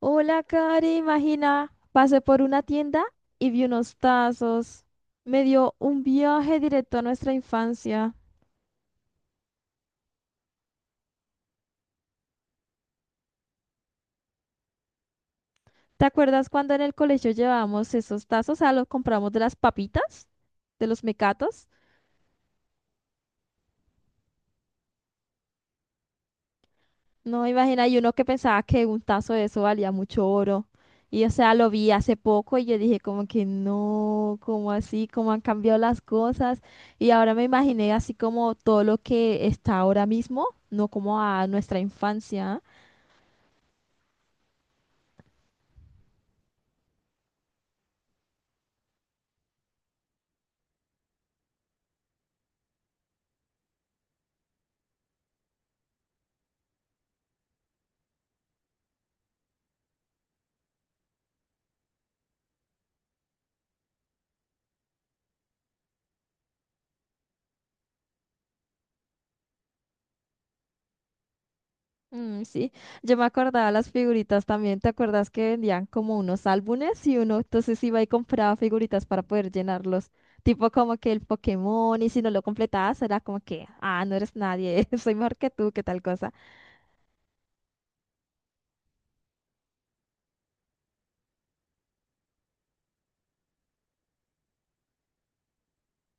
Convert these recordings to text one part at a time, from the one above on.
Hola, Cari, imagina, pasé por una tienda y vi unos tazos. Me dio un viaje directo a nuestra infancia. ¿Te acuerdas cuando en el colegio llevábamos esos tazos? Ah, los compramos de las papitas, de los mecatos. No, imagina, y uno que pensaba que un tazo de eso valía mucho oro. Y o sea, lo vi hace poco y yo dije como que no, como así, cómo han cambiado las cosas. Y ahora me imaginé así como todo lo que está ahora mismo, no como a nuestra infancia. Mm, sí, yo me acordaba las figuritas también. ¿Te acuerdas que vendían como unos álbumes y uno entonces iba y compraba figuritas para poder llenarlos? Tipo como que el Pokémon y si no lo completabas era como que, ah, no eres nadie, soy mejor que tú, qué tal cosa.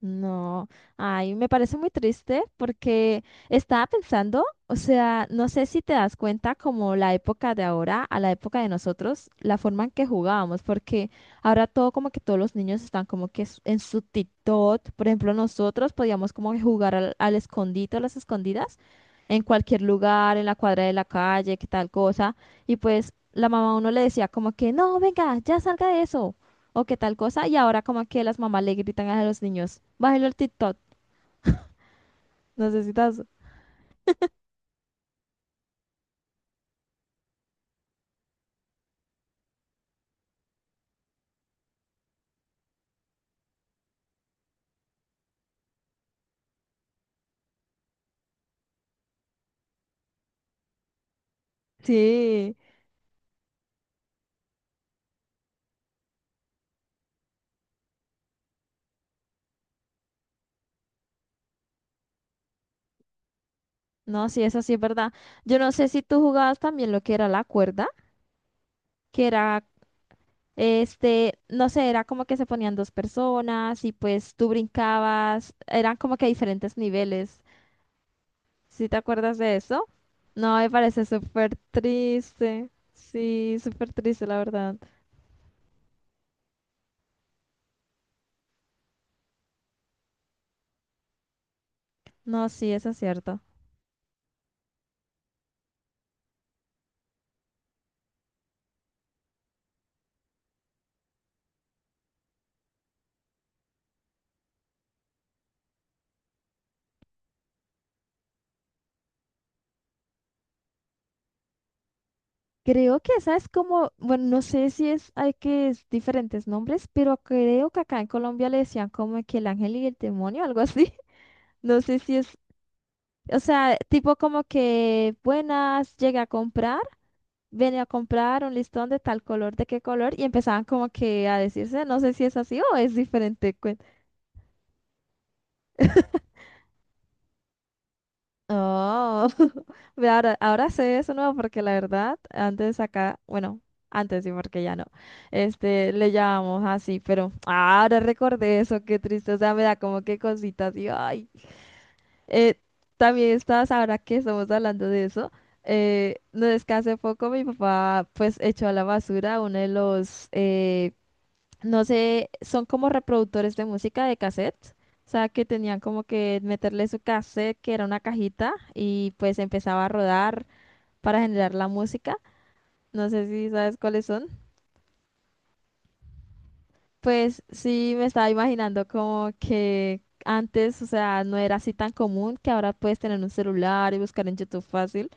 No, ay, me parece muy triste porque estaba pensando, o sea, no sé si te das cuenta como la época de ahora a la época de nosotros, la forma en que jugábamos, porque ahora todo como que todos los niños están como que en su TikTok, por ejemplo, nosotros podíamos como que jugar al escondite o las escondidas en cualquier lugar, en la cuadra de la calle, que tal cosa, y pues la mamá a uno le decía como que, no, venga, ya salga de eso o qué tal cosa, y ahora como que las mamás le gritan a los niños, bájelo el TikTok, necesitas. Sí, no, sí, eso sí es verdad. Yo no sé si tú jugabas también lo que era la cuerda, que era, no sé, era como que se ponían dos personas y pues tú brincabas, eran como que diferentes niveles. ¿Sí te acuerdas de eso? No, me parece súper triste. Sí, súper triste, la verdad. No, sí, eso es cierto. Creo que esa es como, bueno, no sé si es, hay que es diferentes nombres, pero creo que acá en Colombia le decían como que el ángel y el demonio, algo así. No sé si es, o sea, tipo como que buenas, llegué a comprar, venía a comprar un listón de tal color, de qué color, y empezaban como que a decirse, no sé si es así o es diferente. Oh, ve, ahora, ahora sé eso nuevo porque la verdad, antes acá, bueno, antes sí, porque ya no, le llamamos así, pero ahora recordé eso, qué triste, o sea, me da como que cositas y ay. Eh, también estás, ahora que estamos hablando de eso, no es que hace poco mi papá pues echó a la basura uno de los, no sé, son como reproductores de música de cassette. O sea, que tenían como que meterle su cassette, que era una cajita, y pues empezaba a rodar para generar la música. No sé si sabes cuáles son. Pues sí, me estaba imaginando como que antes, o sea, no era así tan común que ahora puedes tener un celular y buscar en YouTube fácil.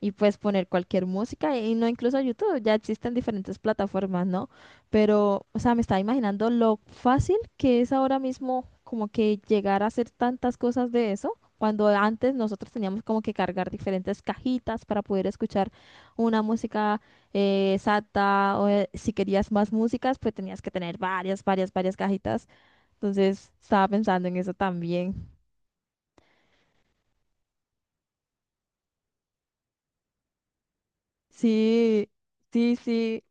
Y puedes poner cualquier música y no incluso YouTube, ya existen diferentes plataformas, ¿no? Pero, o sea, me estaba imaginando lo fácil que es ahora mismo como que llegar a hacer tantas cosas de eso, cuando antes nosotros teníamos como que cargar diferentes cajitas para poder escuchar una música exacta o si querías más músicas, pues tenías que tener varias, varias, varias cajitas. Entonces, estaba pensando en eso también. Sí, sí, sí.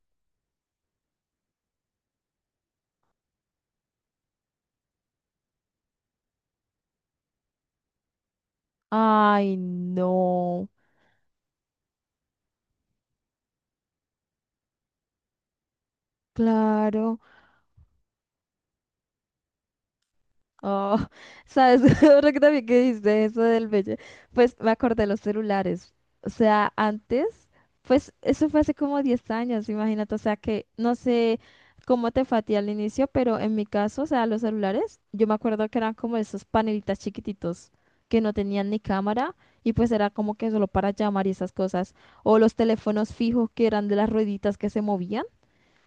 Ay, no. Claro, oh, sabes, ahora que también que dijiste eso del bello, pues me acordé de los celulares, o sea, antes, pues eso fue hace como 10 años, imagínate, o sea que no sé cómo te fue a ti al inicio, pero en mi caso, o sea, los celulares, yo me acuerdo que eran como esos panelitas chiquititos que no tenían ni cámara y pues era como que solo para llamar y esas cosas, o los teléfonos fijos que eran de las rueditas que se movían.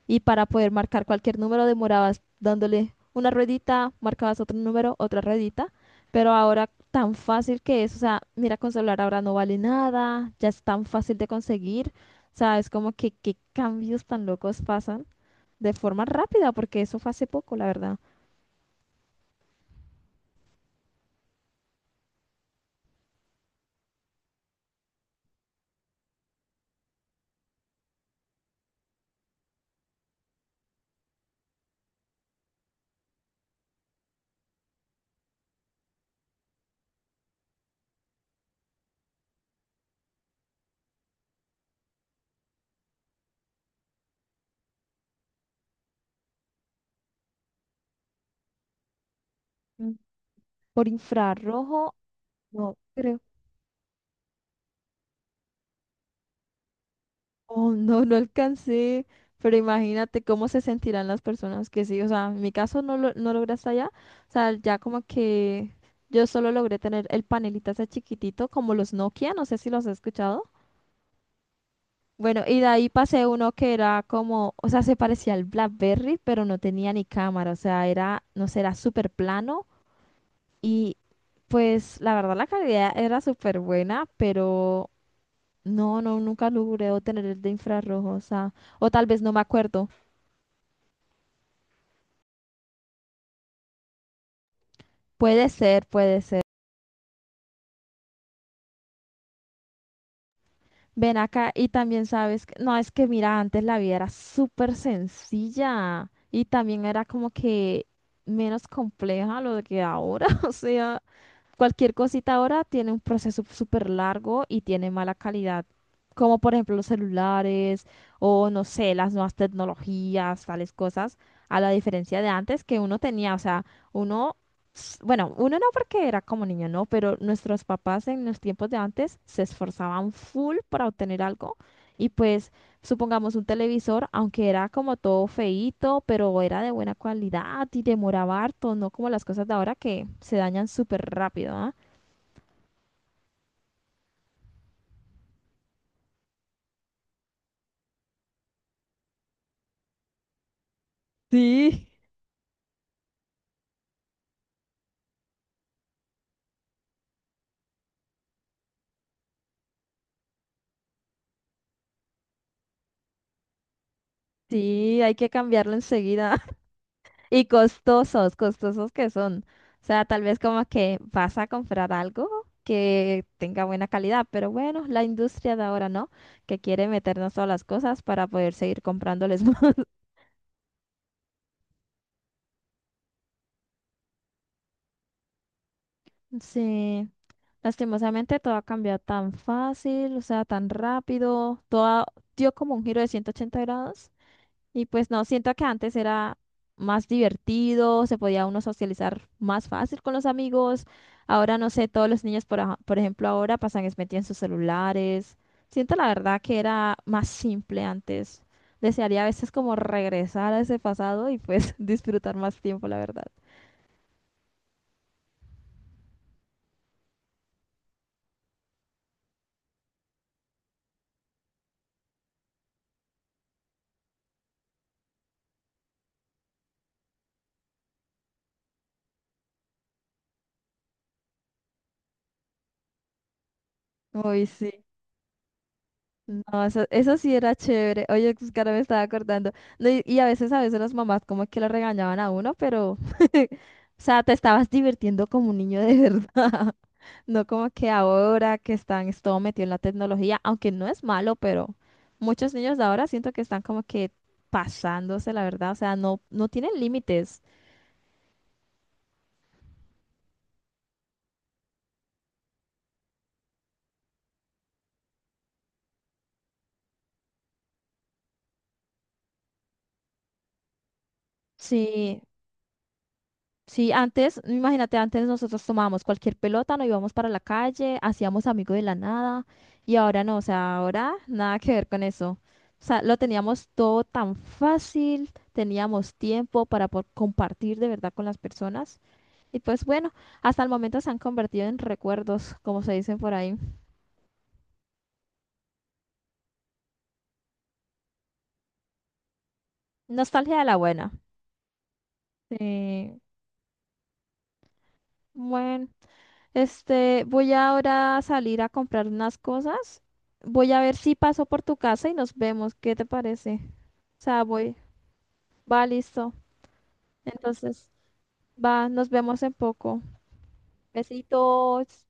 Y para poder marcar cualquier número demorabas dándole una ruedita, marcabas otro número, otra ruedita. Pero ahora tan fácil que es, o sea, mira, con celular ahora no vale nada, ya es tan fácil de conseguir. O sea, es como que qué cambios tan locos pasan de forma rápida, porque eso fue hace poco, la verdad. Mm. Por infrarrojo, no creo. Oh, no, no alcancé, pero imagínate cómo se sentirán las personas que sí, o sea, en mi caso no, lo, no logré hasta allá, o sea, ya como que yo solo logré tener el panelita ese chiquitito, como los Nokia, no sé si los has escuchado. Bueno, y de ahí pasé uno que era como, o sea, se parecía al BlackBerry, pero no tenía ni cámara, o sea, era, no sé, era súper plano y pues la verdad la calidad era súper buena, pero no, no, nunca logré obtener el de infrarrojo, o sea, o tal vez no me acuerdo. Puede ser, puede ser. Ven acá y también sabes que, no, es que mira, antes la vida era súper sencilla y también era como que menos compleja lo que ahora, o sea, cualquier cosita ahora tiene un proceso súper largo y tiene mala calidad, como por ejemplo los celulares o no sé, las nuevas tecnologías, tales cosas, a la diferencia de antes que uno tenía, o sea, uno, bueno, uno no porque era como niño, no, pero nuestros papás en los tiempos de antes se esforzaban full para obtener algo y pues supongamos un televisor, aunque era como todo feíto, pero era de buena calidad y demoraba harto, no como las cosas de ahora que se dañan súper rápido, ¿ah? Sí. Sí, hay que cambiarlo enseguida. Y costosos, costosos que son. O sea, tal vez como que vas a comprar algo que tenga buena calidad, pero bueno, la industria de ahora no, que quiere meternos todas las cosas para poder seguir comprándoles. Sí, lastimosamente todo ha cambiado tan fácil, o sea, tan rápido, todo dio como un giro de 180 grados y pues no, siento que antes era más divertido, se podía uno socializar más fácil con los amigos, ahora no sé, todos los niños, por, por ejemplo, ahora pasan es metidos en sus celulares, siento la verdad que era más simple antes, desearía a veces como regresar a ese pasado y pues disfrutar más tiempo, la verdad. Uy, sí. No, eso sí era chévere. Oye, pues, que ahora me estaba acordando. No, y a veces las mamás como que lo regañaban a uno, pero, o sea, te estabas divirtiendo como un niño de verdad. No como que ahora que están es todo metido en la tecnología, aunque no es malo, pero muchos niños de ahora siento que están como que pasándose, la verdad. O sea, no, no tienen límites. Sí, sí, antes, imagínate, antes nosotros tomábamos cualquier pelota, nos íbamos para la calle, hacíamos amigos de la nada, y ahora no, o sea, ahora nada que ver con eso. O sea, lo teníamos todo tan fácil, teníamos tiempo para compartir de verdad con las personas, y pues bueno, hasta el momento se han convertido en recuerdos, como se dicen por ahí. Nostalgia de la buena. Sí, bueno. Voy ahora a salir a comprar unas cosas. Voy a ver si paso por tu casa y nos vemos. ¿Qué te parece? O sea, voy. Va, listo. Entonces, va, nos vemos en poco. Besitos.